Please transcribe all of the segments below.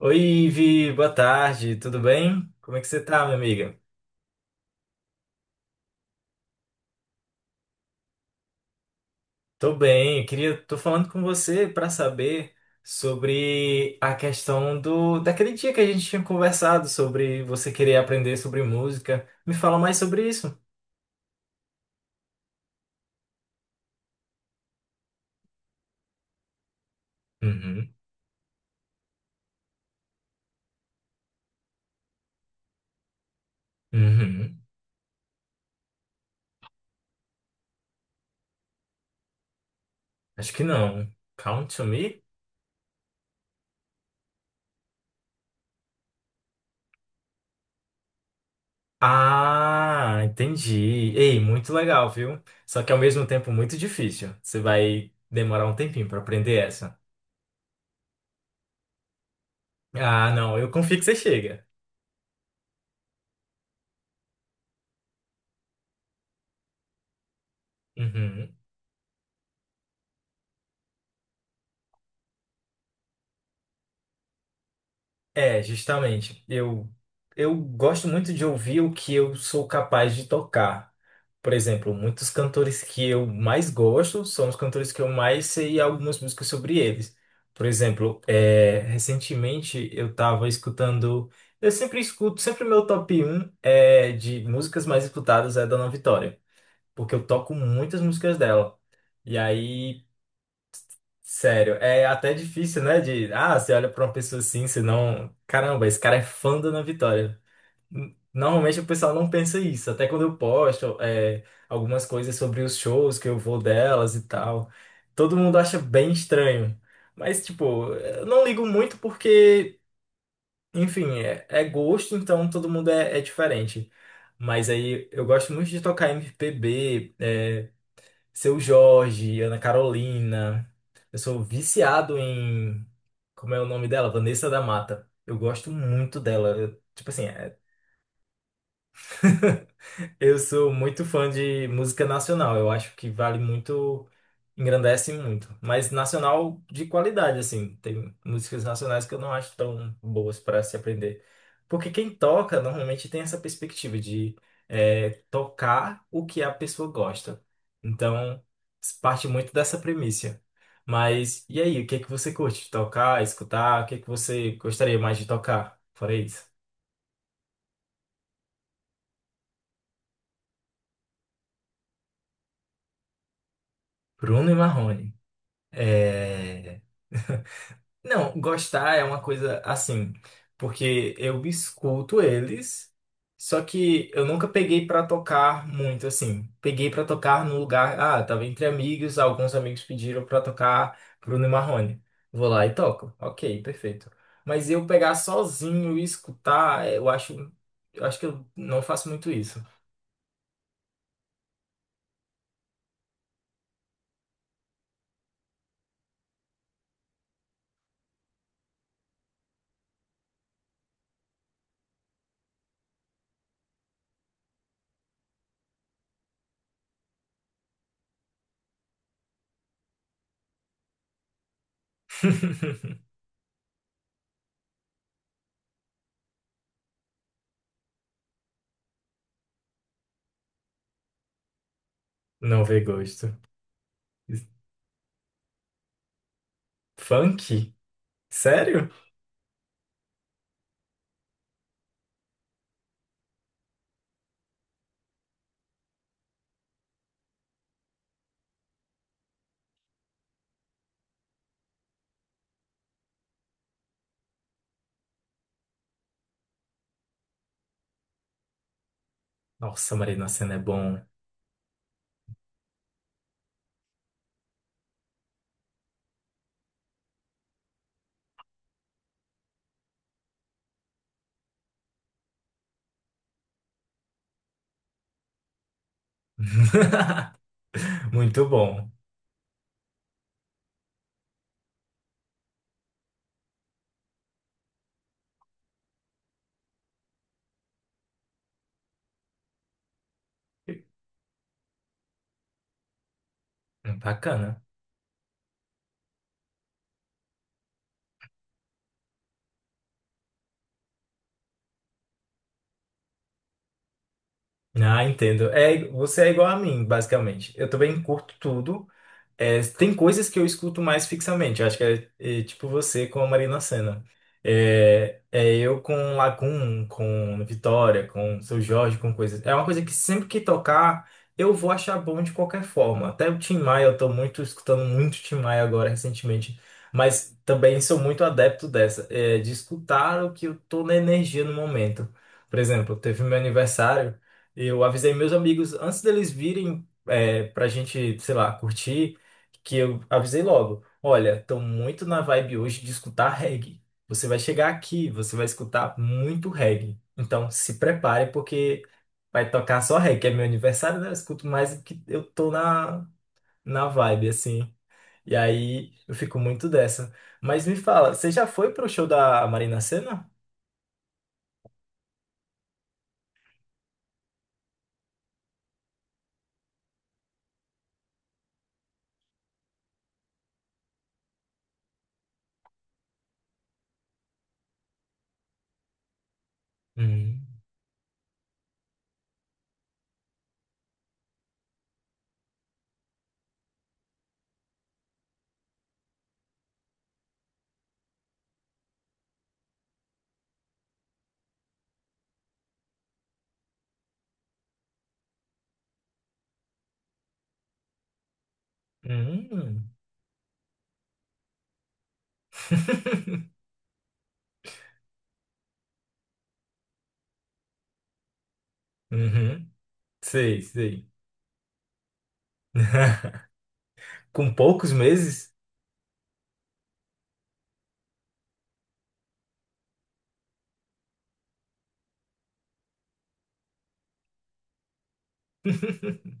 Oi, Ivi, boa tarde, tudo bem? Como é que você tá, minha amiga? Tô bem, tô falando com você para saber sobre a questão do daquele dia que a gente tinha conversado sobre você querer aprender sobre música. Me fala mais sobre isso. Uhum, uhum. Acho que não. Count to me? Ah, entendi. Ei, muito legal, viu? Só que ao mesmo tempo muito difícil. Você vai demorar um tempinho para aprender essa. Ah, não, eu confio que você chega. Uhum. É, justamente. Eu gosto muito de ouvir o que eu sou capaz de tocar. Por exemplo, muitos cantores que eu mais gosto são os cantores que eu mais sei algumas músicas sobre eles. Por exemplo, recentemente eu tava escutando. Eu sempre escuto, sempre meu top um de músicas mais escutadas é da Ana Vitória, porque eu toco muitas músicas dela. E aí. Sério, é até difícil, né? De, ah, você olha pra uma pessoa assim, senão, caramba, esse cara é fã do Ana Vitória. Normalmente o pessoal não pensa isso, até quando eu posto algumas coisas sobre os shows que eu vou delas e tal. Todo mundo acha bem estranho. Mas, tipo, eu não ligo muito porque, enfim, é gosto, então todo mundo é diferente. Mas aí eu gosto muito de tocar MPB. Seu Jorge, Ana Carolina. Eu sou viciado em. Como é o nome dela? Vanessa da Mata. Eu gosto muito dela. Eu- tipo assim, é. Eu sou muito fã de música nacional. Eu acho que vale muito, engrandece muito. Mas nacional de qualidade, assim. Tem músicas nacionais que eu não acho tão boas para se aprender. Porque quem toca normalmente tem essa perspectiva de tocar o que a pessoa gosta. Então, parte muito dessa premissa. Mas e aí, o que é que você curte? Tocar, escutar? O que é que você gostaria mais de tocar? Fora isso. Bruno e Marrone. É. Não, gostar é uma coisa assim, porque eu escuto eles, só que eu nunca peguei pra tocar muito assim. Peguei pra tocar no lugar, ah, tava entre amigos, alguns amigos pediram pra tocar Bruno e Marrone. Vou lá e toco. OK, perfeito. Mas eu pegar sozinho e escutar, eu acho que eu não faço muito isso. Não vê gosto. Funk? Sério? Nossa, Marina Sena é bom. Muito bom. Bacana. Ah, entendo. É, você é igual a mim, basicamente. Eu também curto tudo. É, tem coisas que eu escuto mais fixamente. Eu acho que é tipo você com a Marina Sena. É eu com Lacun, com Vitória, com Seu Jorge, com coisas. É uma coisa que sempre que tocar, eu vou achar bom de qualquer forma. Até o Tim Maia, eu tô muito escutando muito Tim Maia agora recentemente. Mas também sou muito adepto dessa, de escutar o que eu tô na energia no momento. Por exemplo, teve meu aniversário, eu avisei meus amigos antes deles virem. É, pra gente, sei lá, curtir que eu avisei logo. Olha, tô muito na vibe hoje de escutar reggae. Você vai chegar aqui, você vai escutar muito reggae. Então se prepare porque vai tocar só reggae. É meu aniversário, né? Eu escuto mais do que eu tô na, na vibe, assim. E aí eu fico muito dessa. Mas me fala, você já foi pro show da Marina Sena? Hum. Hum. Uhum. Sei, sei. Com poucos meses?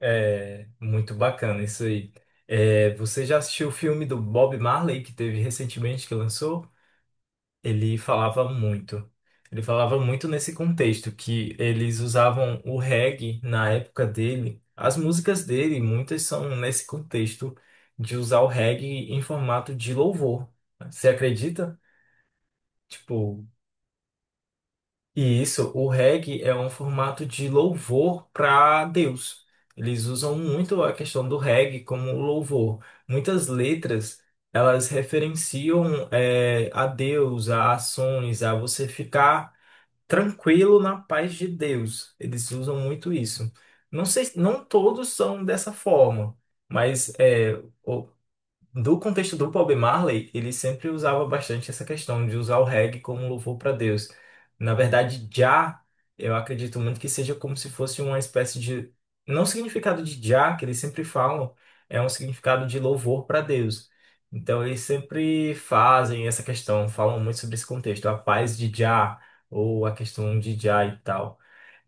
É muito bacana isso aí. É, você já assistiu o filme do Bob Marley que teve recentemente que lançou? Ele falava muito. Ele falava muito nesse contexto que eles usavam o reggae na época dele. As músicas dele, muitas são nesse contexto de usar o reggae em formato de louvor. Né? Você acredita? Tipo, e isso, o reggae é um formato de louvor para Deus. Eles usam muito a questão do reggae como louvor. Muitas letras, elas referenciam a Deus, a ações, a você ficar tranquilo na paz de Deus. Eles usam muito isso. Não sei, não todos são dessa forma, mas do contexto do Bob Marley, ele sempre usava bastante essa questão de usar o reggae como um louvor para Deus. Na verdade, Jah, eu acredito muito que seja como se fosse uma espécie de. Não o significado de Jah, que eles sempre falam, é um significado de louvor para Deus. Então, eles sempre fazem essa questão, falam muito sobre esse contexto, a paz de Jah, ou a questão de Jah e tal.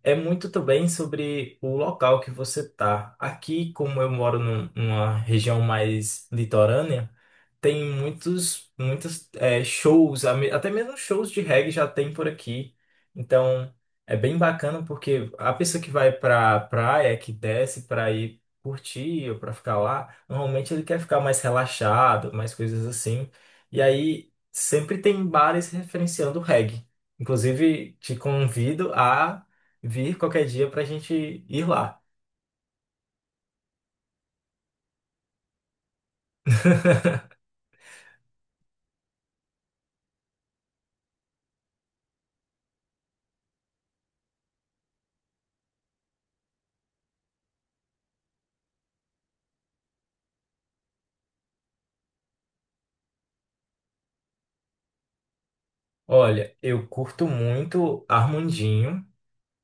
É muito também sobre o local que você tá. Aqui, como eu moro numa região mais litorânea, tem muitos, muitos shows, até mesmo shows de reggae já tem por aqui. Então, é bem bacana porque a pessoa que vai pra praia, que desce pra ir curtir ou pra ficar lá, normalmente ele quer ficar mais relaxado, mais coisas assim. E aí, sempre tem bares referenciando reggae. Inclusive, te convido a vir qualquer dia pra gente ir lá. Olha, eu curto muito Armandinho,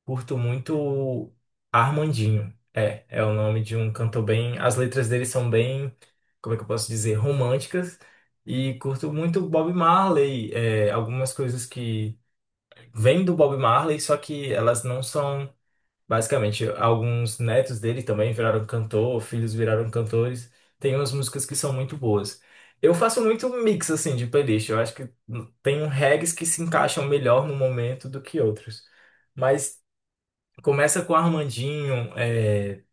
curto muito Armandinho. É, é o nome de um cantor bem. As letras dele são bem, como é que eu posso dizer, românticas. E curto muito Bob Marley, algumas coisas que vêm do Bob Marley, só que elas não são. Basicamente, alguns netos dele também viraram cantor, filhos viraram cantores. Tem umas músicas que são muito boas. Eu faço muito mix assim de playlist. Eu acho que tem um regs que se encaixam melhor no momento do que outros. Mas começa com Armandinho,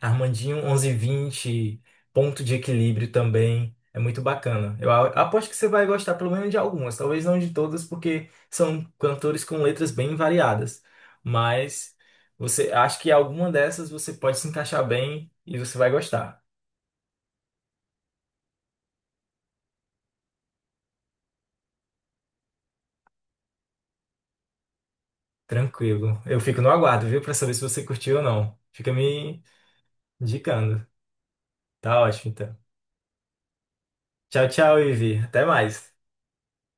Armandinho 1120, ponto de equilíbrio também. É muito bacana. Aposto que você vai gostar pelo menos de algumas, talvez não de todas, porque são cantores com letras bem variadas. Mas você acho que alguma dessas você pode se encaixar bem e você vai gostar. Tranquilo. Eu fico no aguardo, viu, pra saber se você curtiu ou não. Fica me indicando. Tá ótimo, então. Tchau, tchau, Ivi. Até mais.